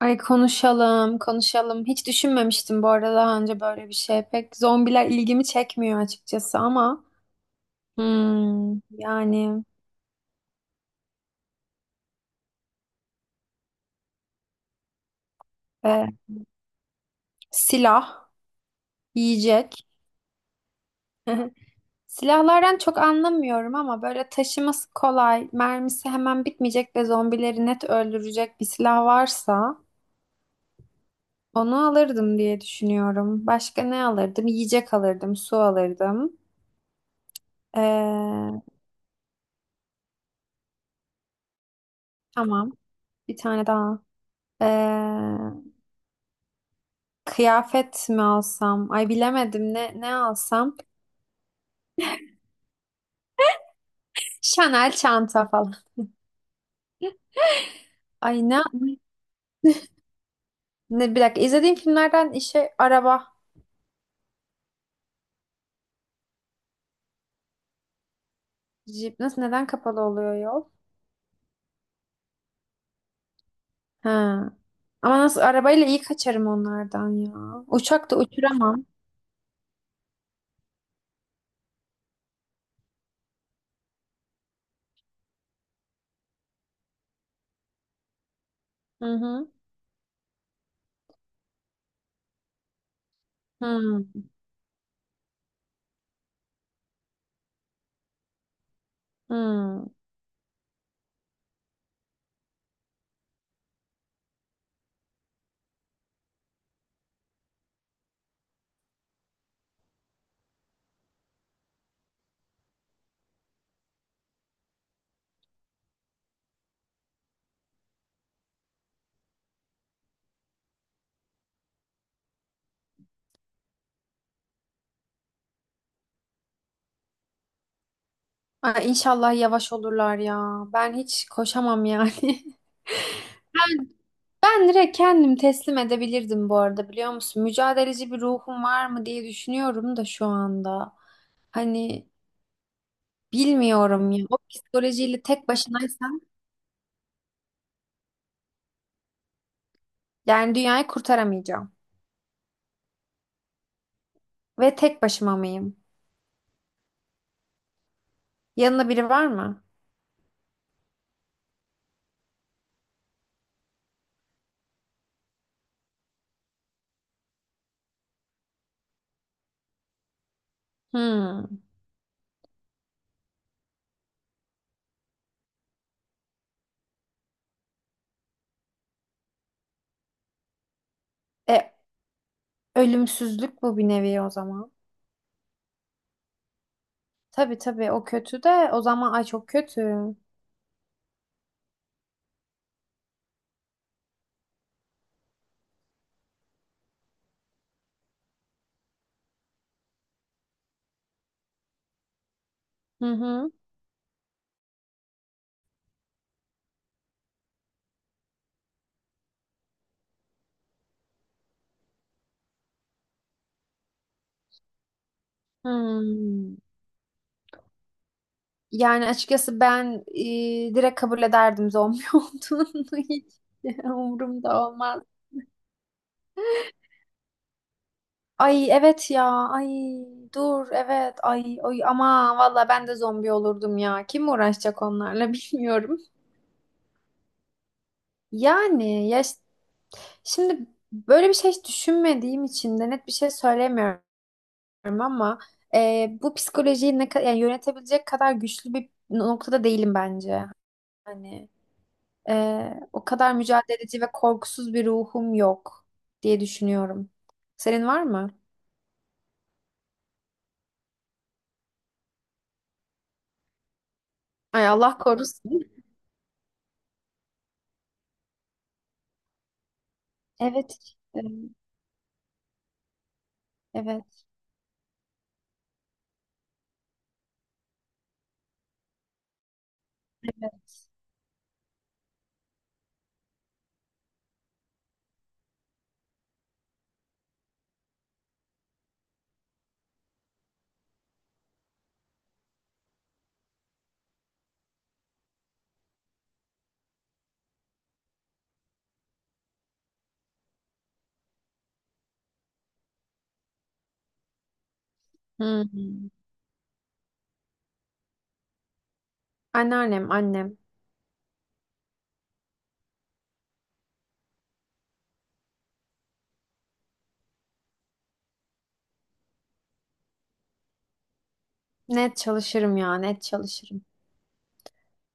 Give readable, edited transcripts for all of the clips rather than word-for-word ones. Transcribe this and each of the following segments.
Ay konuşalım, konuşalım. Hiç düşünmemiştim bu arada daha önce böyle bir şey. Pek zombiler ilgimi çekmiyor açıkçası ama yani e, silah, yiyecek. Silahlardan çok anlamıyorum ama böyle taşıması kolay, mermisi hemen bitmeyecek ve zombileri net öldürecek bir silah varsa onu alırdım diye düşünüyorum. Başka ne alırdım? Yiyecek alırdım, su alırdım. Ee, tamam, bir tane daha. E, Kıyafet mi alsam? Ay bilemedim ne ne alsam? Chanel çanta falan. Ay ne bir dakika izlediğim filmlerden işe araba, jip nasıl neden kapalı oluyor yol? Ha. Ama nasıl arabayla iyi kaçarım onlardan ya. Uçak da uçuramam. Hı hı. Hı hı. Ay inşallah yavaş olurlar ya. Ben hiç koşamam yani. Ben direkt kendim teslim edebilirdim bu arada biliyor musun? Mücadeleci bir ruhum var mı diye düşünüyorum da şu anda. Hani bilmiyorum ya. O psikolojiyle tek başınaysam yani dünyayı kurtaramayacağım. Ve tek başıma mıyım? Yanında biri var mı? Hmm. E, ölümsüzlük bu bir nevi o zaman. Tabii tabii o kötü de o zaman ay çok kötü. Hı hı. Hmm. Yani açıkçası ben direkt kabul ederdim zombi olduğunu hiç umurumda olmaz. Ay evet ya. Ay dur evet. Ay ay ama valla ben de zombi olurdum ya. Kim uğraşacak onlarla bilmiyorum. Yani ya şimdi böyle bir şey hiç düşünmediğim için de net bir şey söylemiyorum ama bu psikolojiyi ne kadar yani yönetebilecek kadar güçlü bir noktada değilim bence. Hani e, o kadar mücadeleci ve korkusuz bir ruhum yok diye düşünüyorum. Senin var mı? Ay Allah korusun. Evet. işte. Evet. Hı. Anneannem, annem. Net çalışırım ya, net çalışırım.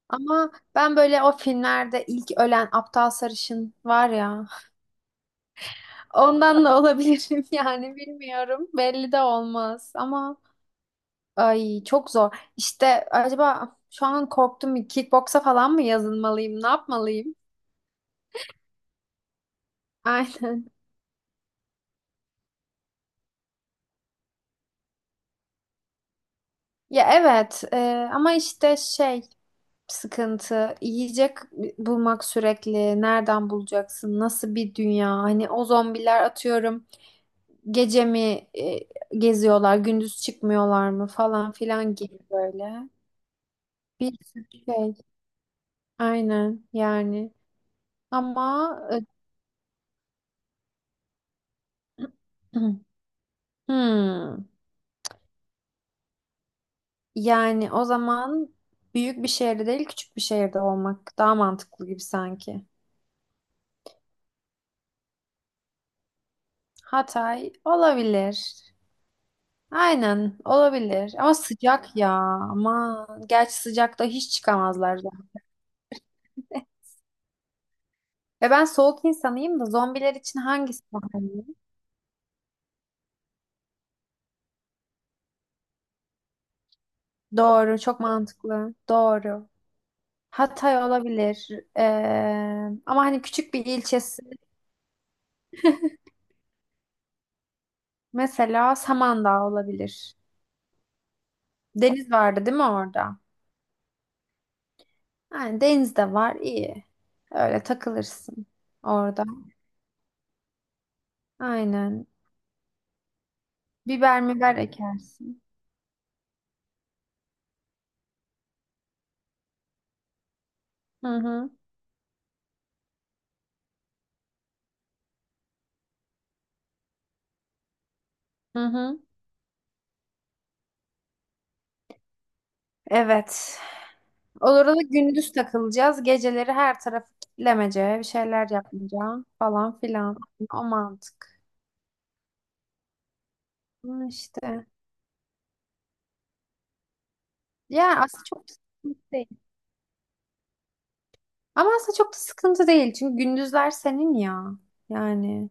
Ama ben böyle o filmlerde ilk ölen aptal sarışın var ya, ondan da olabilirim yani bilmiyorum. Belli de olmaz ama ay çok zor. İşte acaba şu an korktum bir kickboksa falan mı yazılmalıyım, ne yapmalıyım? Aynen. Ya evet ama işte şey sıkıntı. Yiyecek bulmak sürekli. Nereden bulacaksın? Nasıl bir dünya? Hani o zombiler atıyorum. Gece mi geziyorlar? Gündüz çıkmıyorlar mı? Falan filan gibi böyle. Bir sürü şey. Aynen yani. Ama e, hmm, yani o zaman büyük bir şehirde değil küçük bir şehirde olmak daha mantıklı gibi sanki. Hatay olabilir. Aynen olabilir ama sıcak ya ama gerçi sıcakta hiç çıkamazlar zaten. Ve ben soğuk insanıyım da zombiler için hangisi daha iyi? Doğru çok mantıklı doğru. Hatay olabilir. Ee, ama hani küçük bir ilçesi mesela Samandağ olabilir. Deniz vardı değil mi orada? Yani deniz de var iyi öyle takılırsın orada aynen biber biber ekersin. Hı hı hı hı. Evet. Olur. Orada gündüz takılacağız. Geceleri her tarafı kitlemece, bir şeyler yapmayacağım falan filan. O mantık. Hı, İşte. Ya aslında çok da sıkıntı değil. Ama aslında çok da sıkıntı değil. Çünkü gündüzler senin ya. Yani.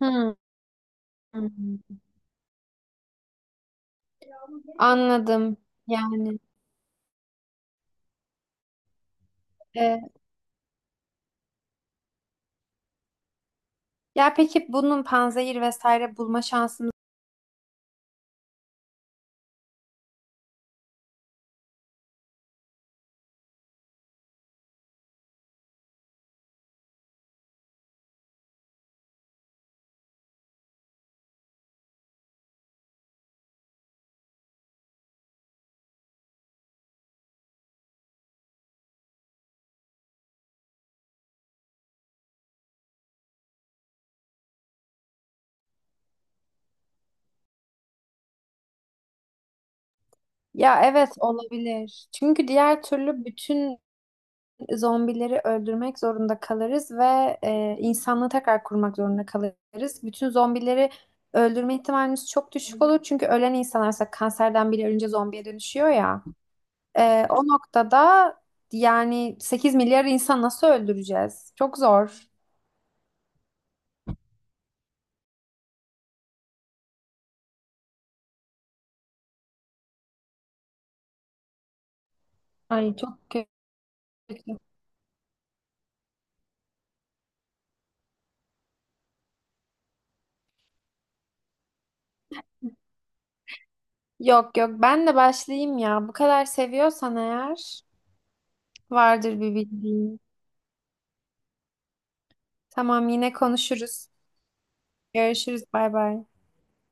Hı. hı. Anladım. Yani. e, ya peki bunun panzehir vesaire bulma şansımız. Ya evet olabilir. Çünkü diğer türlü bütün zombileri öldürmek zorunda kalırız ve insanlığı tekrar kurmak zorunda kalırız. Bütün zombileri öldürme ihtimalimiz çok düşük olur. Çünkü ölen insanlarsa kanserden bile ölünce zombiye dönüşüyor ya. O noktada yani 8 milyar insan nasıl öldüreceğiz? Çok zor. Ay çok kötü. Yok yok ben de başlayayım ya. Bu kadar seviyorsan eğer vardır bir bildiğin. Tamam yine konuşuruz. Görüşürüz bay bay.